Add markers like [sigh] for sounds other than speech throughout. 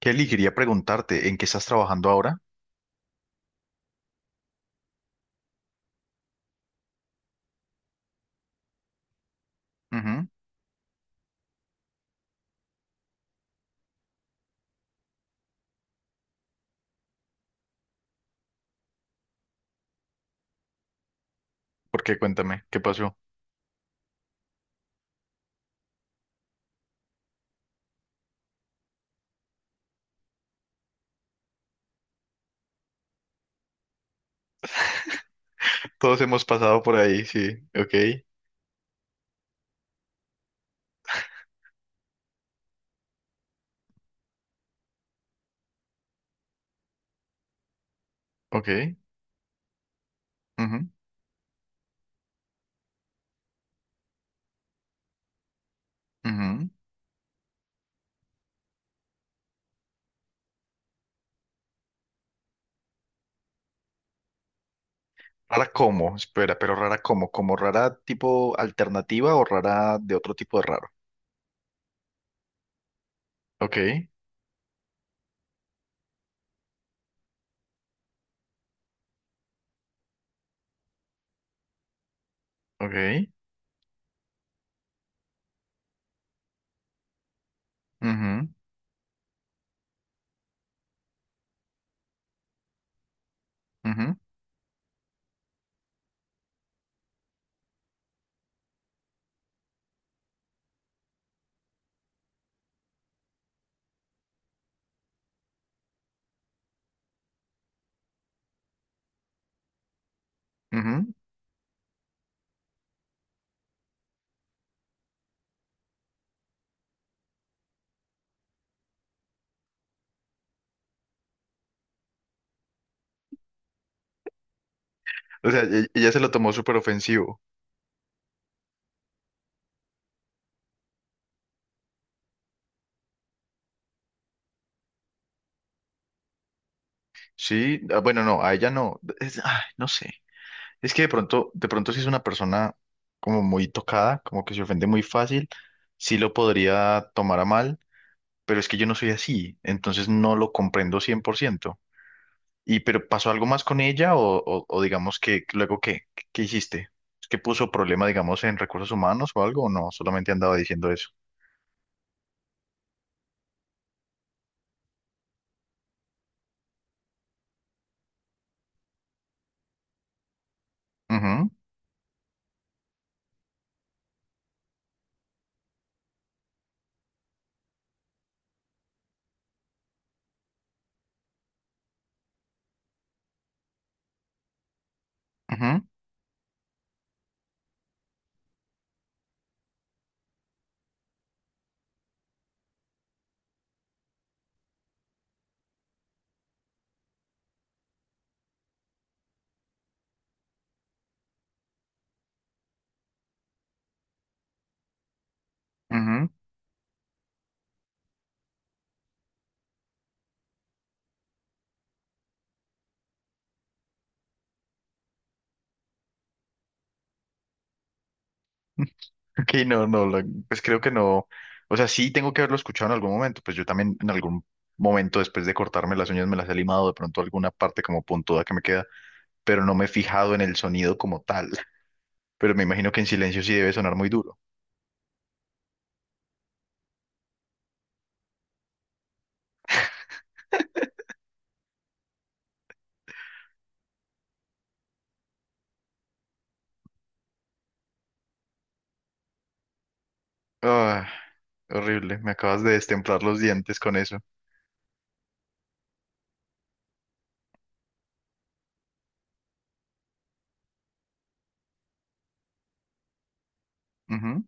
Kelly, quería preguntarte, ¿en qué estás trabajando ahora? Ujú. ¿Por qué? Cuéntame, ¿qué pasó? Todos hemos pasado por ahí, sí. Ok, ok. Ujú, ujú. ¿Rara cómo? Espera, pero ¿rara cómo? ¿Como rara tipo alternativa o rara de otro tipo de raro? Ok, ok. Ujú, ujú, ujú. O sea, ella se lo tomó súper ofensivo. Sí, ah, bueno, no, a ella no. Ay, no sé. Es que de pronto si es una persona como muy tocada, como que se ofende muy fácil, sí lo podría tomar a mal, pero es que yo no soy así, entonces no lo comprendo 100%. ¿Y pero pasó algo más con ella o digamos que luego qué? ¿Qué hiciste? ¿Qué puso problema, digamos, en recursos humanos o algo? ¿O no? Solamente andaba diciendo eso. Ujú, ujú, ujú. Ok, no, no, pues creo que no. O sea, sí tengo que haberlo escuchado en algún momento. Pues yo también en algún momento después de cortarme las uñas me las he limado de pronto alguna parte como puntuda que me queda, pero no me he fijado en el sonido como tal. [laughs] Pero me imagino que en silencio sí debe sonar muy duro. Ah, horrible, me acabas de destemplar los dientes con eso. Ujú,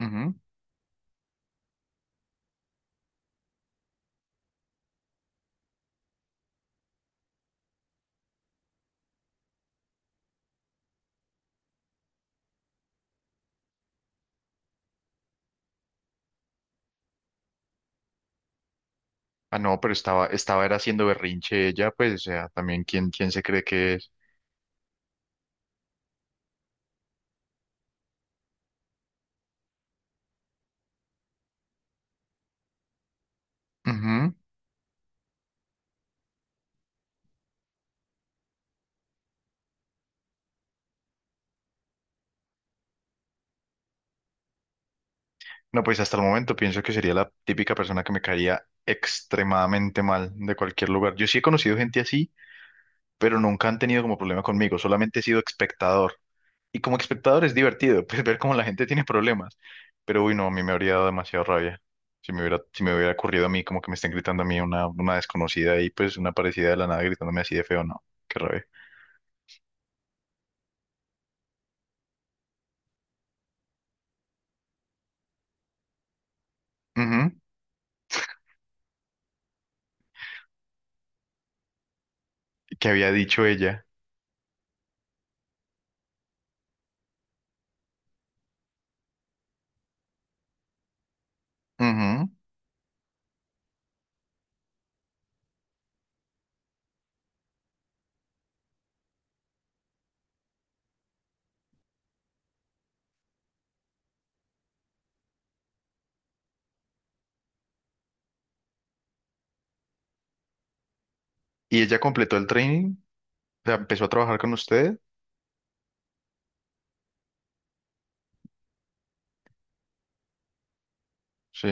ujú. Ah, no, pero estaba era haciendo berrinche ella, pues, o sea, también quién, quién se cree que es. No, pues hasta el momento pienso que sería la típica persona que me caería extremadamente mal de cualquier lugar. Yo sí he conocido gente así, pero nunca han tenido como problema conmigo, solamente he sido espectador. Y como espectador es divertido, [laughs] pues ver cómo la gente tiene problemas. Pero uy, no, a mí me habría dado demasiado rabia. Si me hubiera ocurrido a mí como que me estén gritando a mí una desconocida y pues una parecida de la nada gritándome así de feo, no, qué rabia. Ujú. ¿Qué había dicho ella? Ujú. Y ella completó el training, o sea, empezó a trabajar con usted. Sí,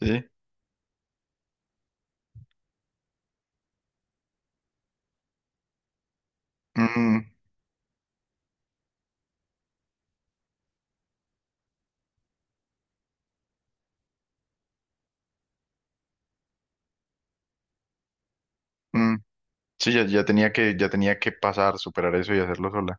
sí. Ujú. Mm, sí, ya, ya tenía que pasar, superar eso y hacerlo sola.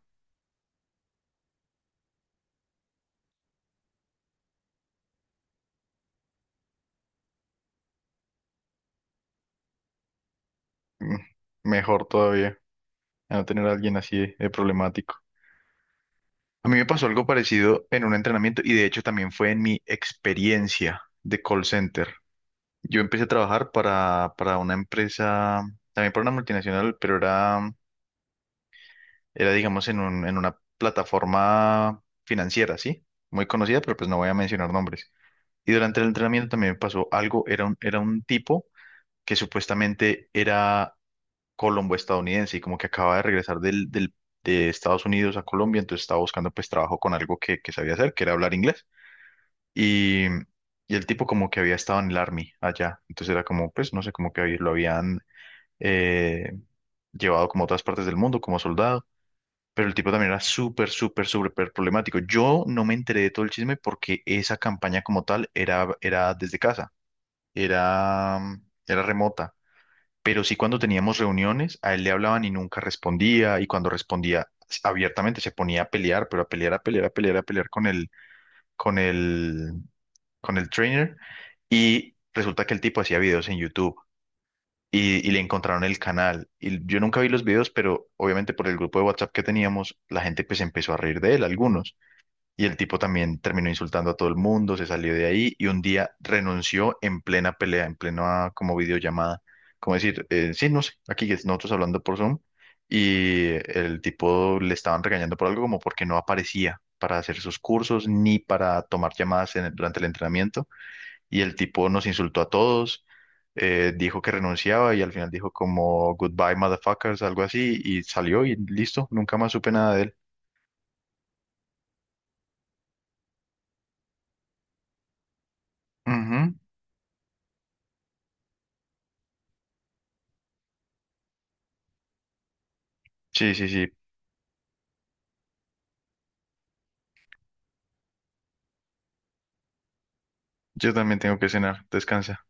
Mm, mejor todavía, a no tener a alguien así de problemático. A mí me pasó algo parecido en un entrenamiento y de hecho también fue en mi experiencia de call center. Yo empecé a trabajar para una empresa, también para una multinacional, pero era digamos, en una plataforma financiera, ¿sí? Muy conocida, pero pues no voy a mencionar nombres. Y durante el entrenamiento también me pasó algo, era un tipo que supuestamente era Colombo estadounidense y como que acaba de regresar de Estados Unidos a Colombia, entonces estaba buscando pues trabajo con algo que sabía hacer, que era hablar inglés. Y el tipo como que había estado en el Army allá, entonces era como, pues no sé, como que ahí lo habían eh, llevado como a otras partes del mundo como soldado. Pero el tipo también era súper, súper, súper problemático. Yo no me enteré de todo el chisme porque esa campaña como tal era desde casa, era, era remota. Pero sí cuando teníamos reuniones, a él le hablaban y nunca respondía, y cuando respondía abiertamente se ponía a pelear, pero a pelear, a pelear, a pelear, a pelear con el, con el trainer, y resulta que el tipo hacía videos en YouTube. Y le encontraron el canal. Y yo nunca vi los videos, pero obviamente por el grupo de WhatsApp que teníamos, la gente pues empezó a reír de él, algunos. Y el tipo también terminó insultando a todo el mundo, se salió de ahí y un día renunció en plena pelea, en plena como videollamada. Como decir, sí, no sé, nosotros hablando por Zoom y el tipo le estaban regañando por algo como porque no aparecía para hacer sus cursos ni para tomar llamadas durante el entrenamiento. Y el tipo nos insultó a todos, dijo que renunciaba y al final dijo como goodbye motherfuckers, algo así y salió y listo, nunca más supe nada de él. Ujú. Sí, sí, sí. Yo también tengo que cenar. Descansa.